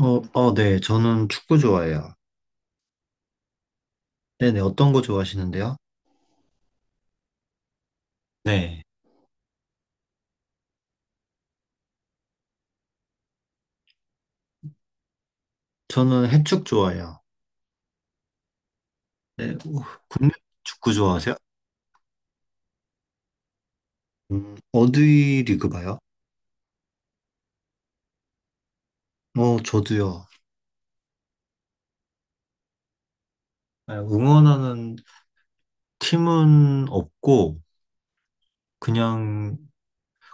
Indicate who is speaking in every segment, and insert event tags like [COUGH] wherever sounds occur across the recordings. Speaker 1: 어, 어, 네. 저는 축구 좋아해요. 네네. 어떤 거 좋아하시는데요? 네. 저는 해축 좋아해요. 네. 국내 축구 좋아하세요? 어디 리그 봐요? 어, 저도요. 네, 응원하는 팀은 없고, 그냥,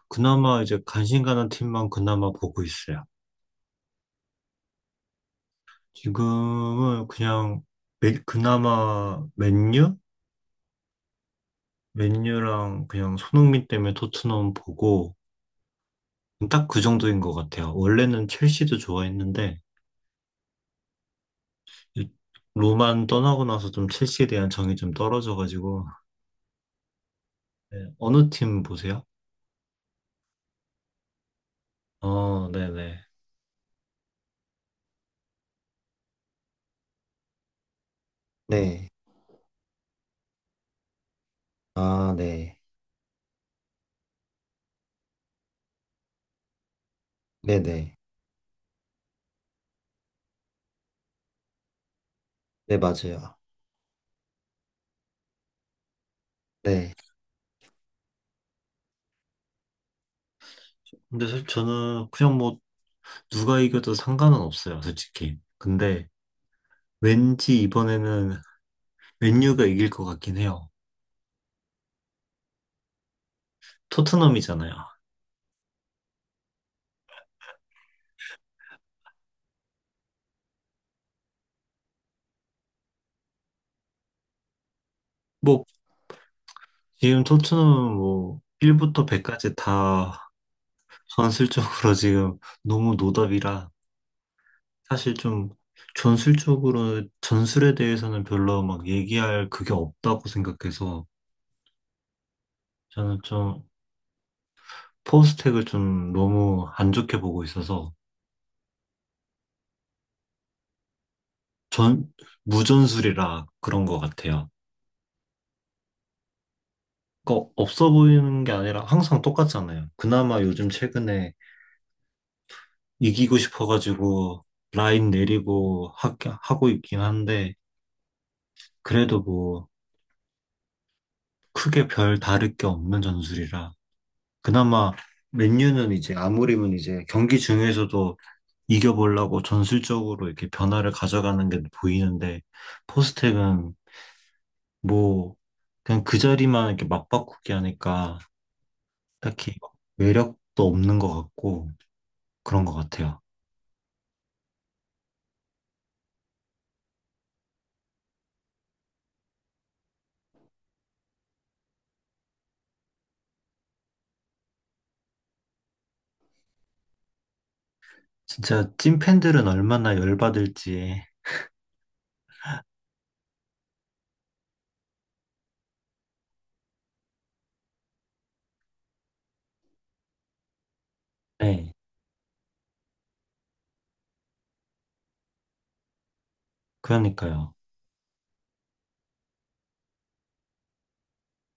Speaker 1: 그나마 이제 관심 가는 팀만 그나마 보고 있어요. 지금은 그냥, 그나마 맨유? 맨유랑 그냥 손흥민 때문에 토트넘 보고, 딱 그 정도인 것 같아요. 원래는 첼시도 좋아했는데 이 로만 떠나고 나서 좀 첼시에 대한 정이 좀 떨어져가지고. 네, 어느 팀 보세요? 어, 네네. 네. 아, 네. 네네. 네, 맞아요. 네. 근데 사실 저는 그냥 뭐 누가 이겨도 상관은 없어요, 솔직히. 근데 왠지 이번에는 맨유가 이길 것 같긴 해요. 토트넘이잖아요. 뭐 지금 토트넘은 뭐 1부터 100까지 다 전술적으로 지금 너무 노답이라. 사실 좀 전술적으로 전술에 대해서는 별로 막 얘기할 그게 없다고 생각해서 저는 좀 포스텍을 좀 너무 안 좋게 보고 있어서. 전 무전술이라 그런 것 같아요. 그 없어 보이는 게 아니라 항상 똑같잖아요. 그나마 요즘 최근에 이기고 싶어가지고 라인 내리고 하고 있긴 한데 그래도 뭐 크게 별 다를 게 없는 전술이라. 그나마 맨유는 이제 아무리면 이제 경기 중에서도 이겨보려고 전술적으로 이렇게 변화를 가져가는 게 보이는데, 포스텍은 뭐 그냥 그 자리만 이렇게 맞바꾸기 하니까 딱히 매력도 없는 것 같고 그런 것 같아요. 진짜 찐팬들은 얼마나 열받을지. 네, 그러니까요.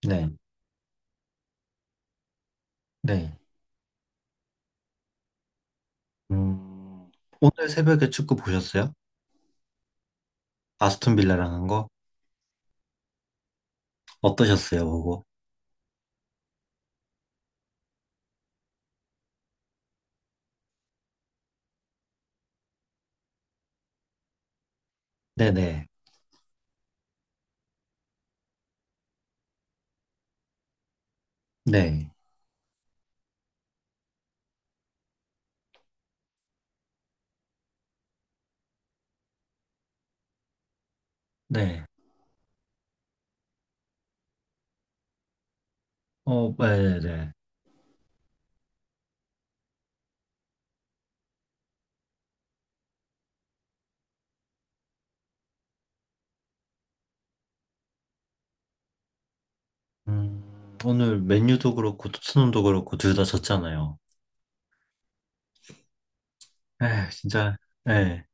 Speaker 1: 네, 네. 음, 오늘 새벽에 축구 보셨어요? 아스톤 빌라랑 한 거? 어떠셨어요, 보고? 네네. 네. 네. 어, 네네. 오늘 맨유도 그렇고 토트넘도 그렇고 둘 다 졌잖아요. 에, 진짜. 예.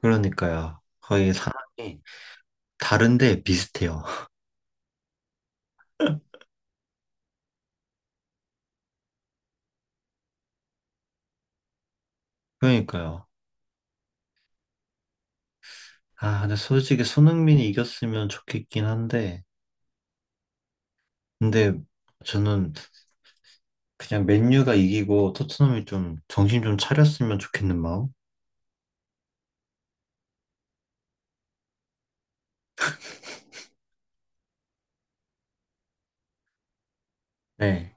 Speaker 1: 그러니까요. 거의 상황이 다른데 비슷해요. [LAUGHS] 그러니까요. 아, 근데 솔직히 손흥민이 이겼으면 좋겠긴 한데, 근데 저는 그냥 맨유가 이기고 토트넘이 좀 정신 좀 차렸으면 좋겠는 마음? 네,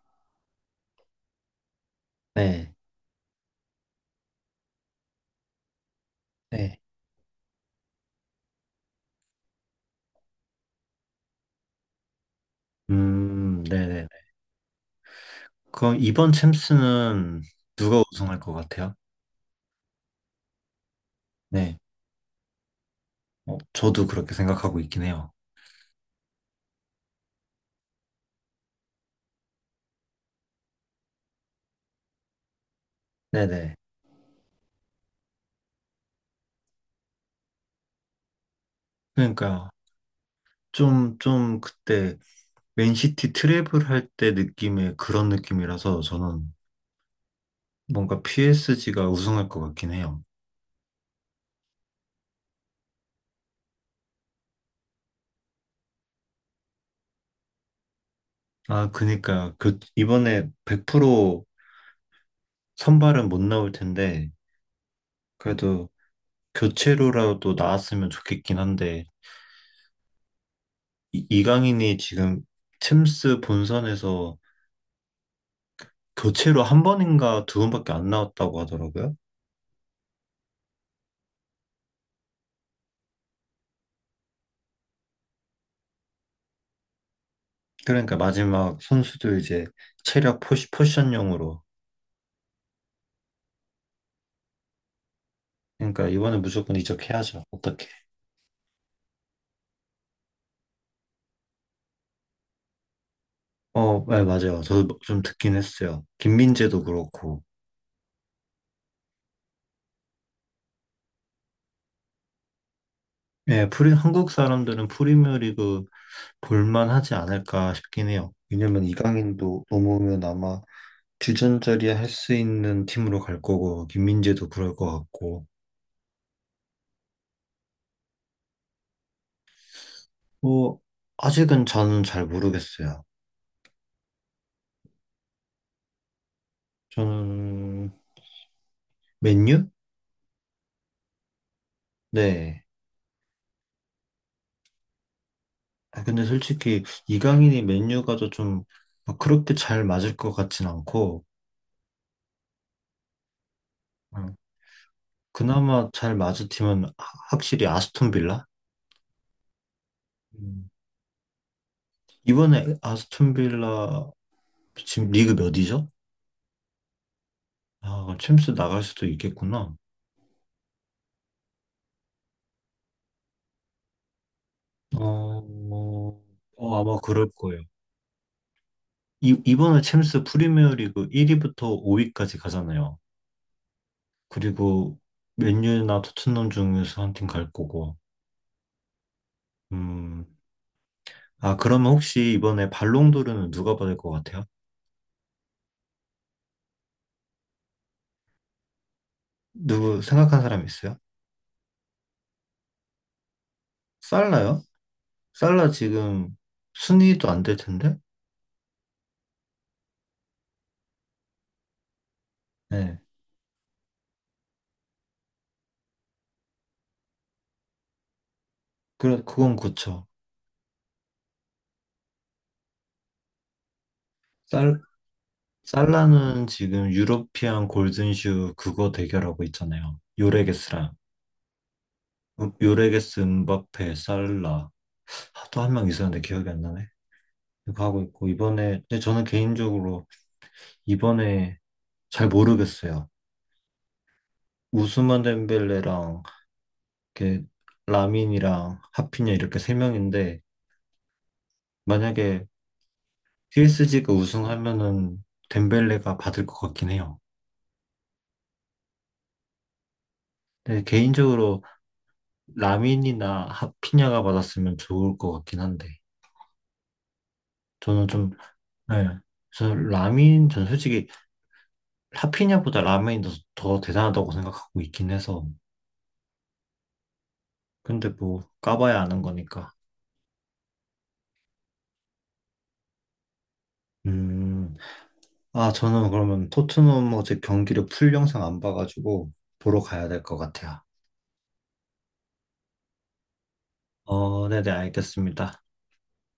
Speaker 1: 네, 네. 네네네. 그럼 이번 챔스는 누가 우승할 것 같아요? 네. 어, 저도 그렇게 생각하고 있긴 해요. 네네. 그러니까 좀 그때 맨시티 트래블 할 때 느낌의 그런 느낌이라서 저는 뭔가 PSG가 우승할 것 같긴 해요. 아, 그니까 이번에 100% 선발은 못 나올 텐데 그래도 교체로라도 나왔으면 좋겠긴 한데. 이강인이 지금 챔스 본선에서 교체로 한 번인가 두 번밖에 안 나왔다고 하더라고요. 그러니까 마지막 선수도 이제 체력 포지션용으로. 그러니까 이번에 무조건 이적해야죠. 어떻게? 어, 네, 맞아요. 저도 뭐 좀 듣긴 했어요. 김민재도 그렇고. 예, 프리, 한국 사람들은 프리미어리그 볼만하지 않을까 싶긴 해요. 왜냐면 이강인도 넘어오면 아마 주전자리에 할 수 있는 팀으로 갈 거고, 김민재도 그럴 것 같고. 뭐, 아직은 저는 잘 모르겠어요. 저는 맨유? 네. 아, 근데 솔직히 이강인이 맨유 가도 좀막 그렇게 잘 맞을 것 같진 않고. 어, 그나마 잘 맞을 팀은 확실히 아스톤 빌라? 음. 이번에 아스톤 빌라 지금 리그 몇이죠? 아, 챔스 나갈 수도 있겠구나. 어, 뭐, 어, 아마 그럴 거예요. 이번에 챔스 프리미어 리그 1위부터 5위까지 가잖아요. 그리고 맨유나 토트넘 중에서 한 팀 갈 거고. 음, 아, 그러면 혹시 이번에 발롱도르는 누가 받을 것 같아요? 누구 생각한 사람 있어요? 살라요? 살라 지금 순위도 안 될 텐데? 네. 그래, 그건 그쵸. 살, 살라는 지금 유러피안 골든슈 그거 대결하고 있잖아요. 요레게스랑. 요레게스, 음바페, 살라. 또 한 명 있었는데 기억이 안 나네. 이거 하고 있고, 이번에, 근데 저는 개인적으로 이번에 잘 모르겠어요. 우스만 덴벨레랑 이렇게 라민이랑 하피냐 이렇게 세 명인데 만약에 PSG가 우승하면은 덴벨레가 받을 것 같긴 해요. 근데 개인적으로 라민이나 하피냐가 받았으면 좋을 것 같긴 한데. 저는 좀. 네. 저 라민 전 솔직히 하피냐보다 라민이 더 대단하다고 생각하고 있긴 해서. 근데 뭐 까봐야 아는 거니까. 음, 아, 저는 그러면 토트넘 어제 경기를 풀 영상 안 봐가지고 보러 가야 될 것 같아요. 어, 네네, 알겠습니다.